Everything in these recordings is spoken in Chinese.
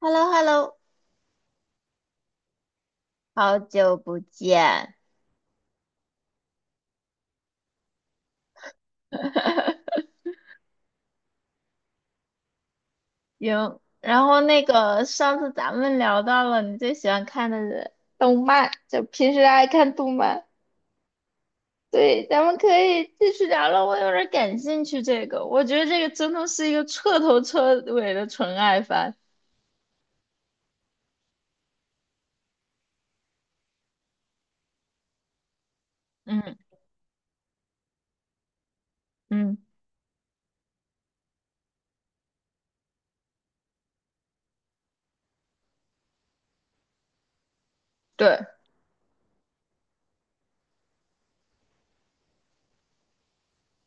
h e l l o h e l l o 好久不见。行，然后那个上次咱们聊到了你最喜欢看的动漫，就平时爱看动漫。对，咱们可以继续聊了。我有点感兴趣这个，我觉得这个真的是一个彻头彻尾的纯爱番。嗯嗯，对，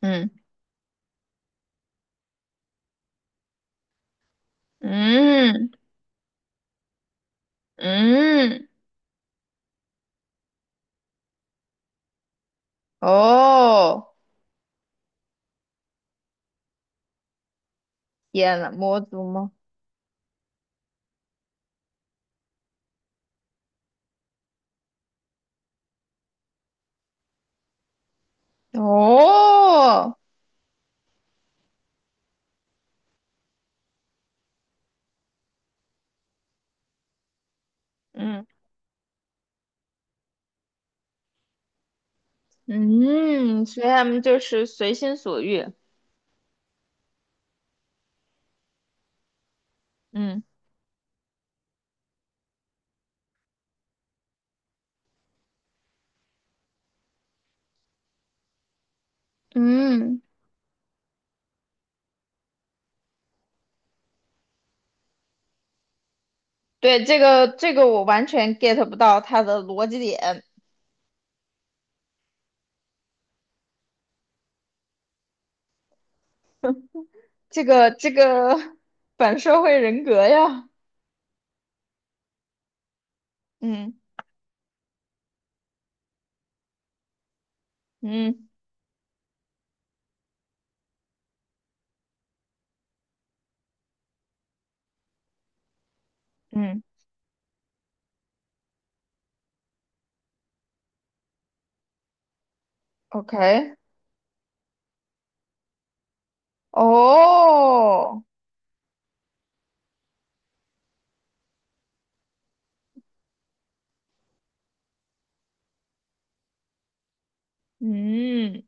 嗯嗯嗯，哦，天呐，魔族吗？哦，嗯。嗯，所以他们就是随心所欲。嗯，嗯，对，这个我完全 get 不到他的逻辑点，这个反社会人格呀。嗯嗯嗯，OK，哦，嗯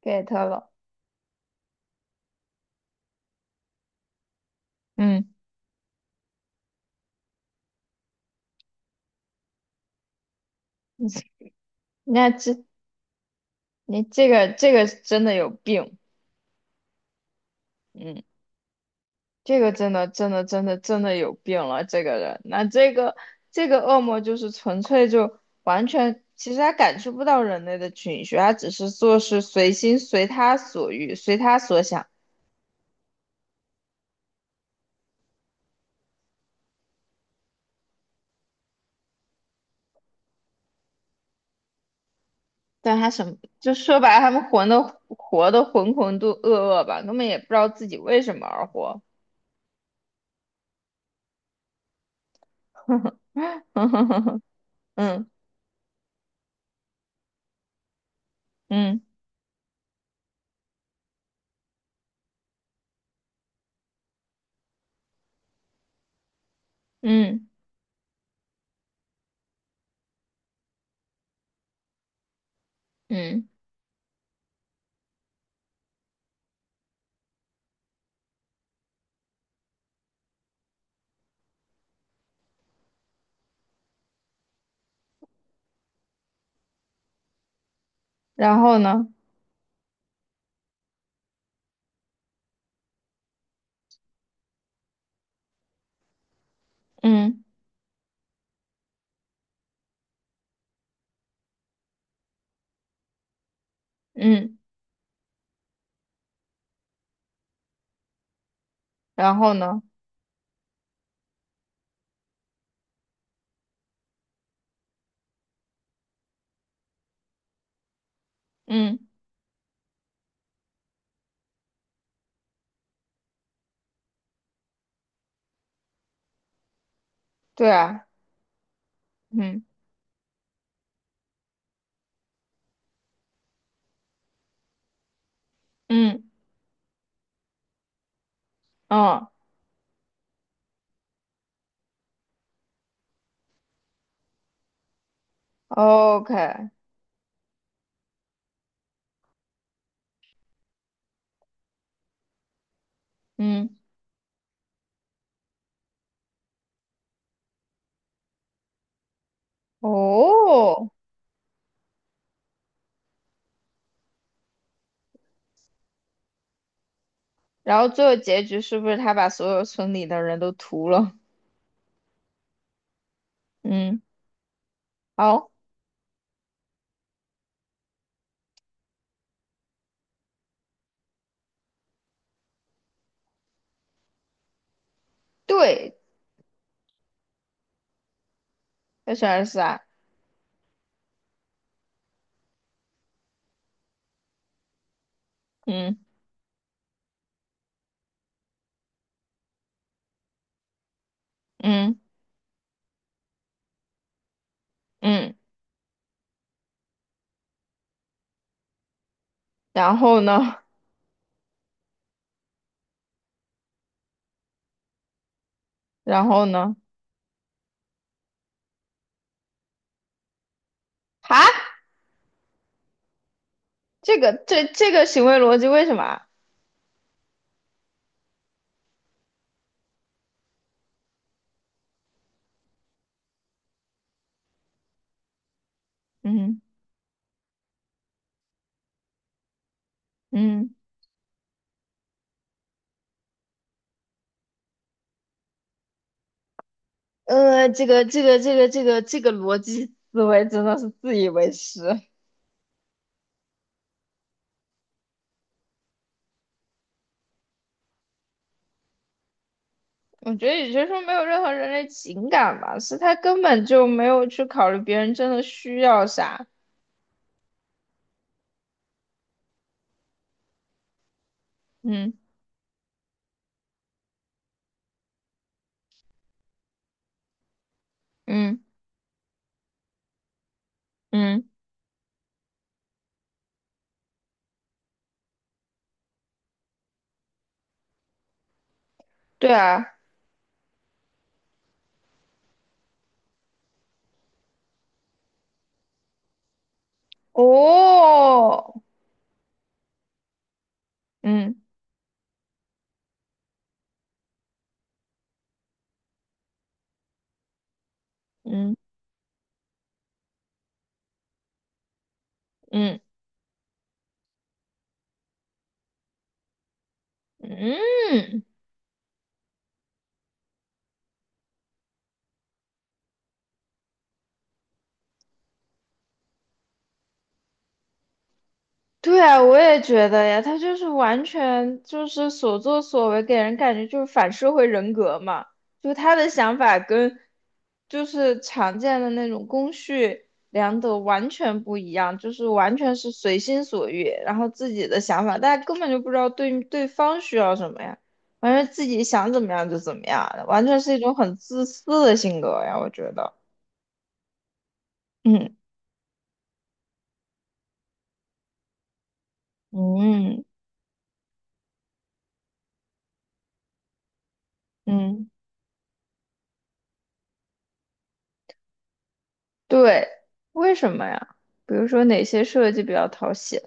，get 了。嗯，那这你这个真的有病。嗯。这个真的真的真的真的有病了，这个人，那这个恶魔就是纯粹就完全，其实他感受不到人类的情绪，他只是做事随心随他所欲，随他所想。但他什么，就说白了，他们活的浑浑度噩噩吧，根本也不知道自己为什么而活。嗯嗯嗯嗯嗯，然后呢？嗯嗯，然后呢？嗯，对啊，嗯嗯嗯。OK，嗯，哦，然后最后结局是不是他把所有村里的人都屠了？嗯，好，对，他选二十二四啊，嗯嗯嗯，然后呢？然后呢？啊，这个行为逻辑为什么啊？嗯嗯，这个逻辑思维真的是自以为是。我觉得也就是说没有任何人类情感吧，是他根本就没有去考虑别人真的需要啥。嗯。嗯嗯，对啊，哦，嗯嗯嗯嗯，嗯对啊，我也觉得呀，他就是完全就是所作所为，给人感觉就是反社会人格嘛。就他的想法跟就是常见的那种公序良德完全不一样，就是完全是随心所欲，然后自己的想法，大家根本就不知道对对方需要什么呀，完全自己想怎么样就怎么样，完全是一种很自私的性格呀，我觉得。嗯嗯嗯。对，为什么呀？比如说哪些设计比较讨喜？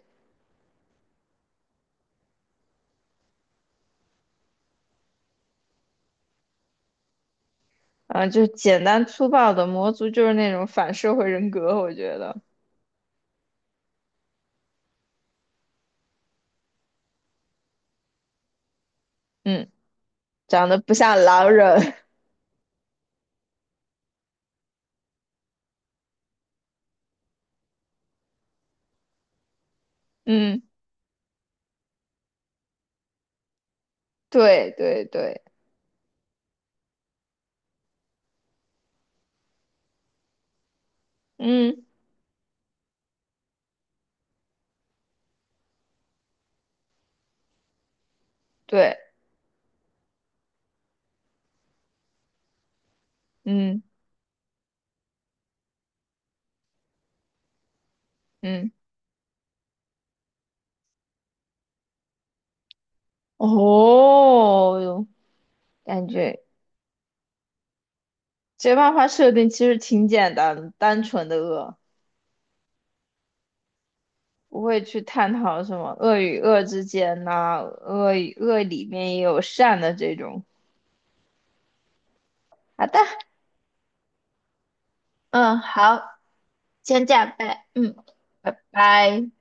啊，就简单粗暴的魔族就是那种反社会人格，我觉得。嗯，长得不像狼人，嗯，对对对，嗯对，嗯嗯，哦哟，感觉这漫画设定其实挺简单，单纯的恶，不会去探讨什么恶与恶之间呐、恶与恶里面也有善的这种。啊，但嗯，好，先这样拜，嗯，拜拜。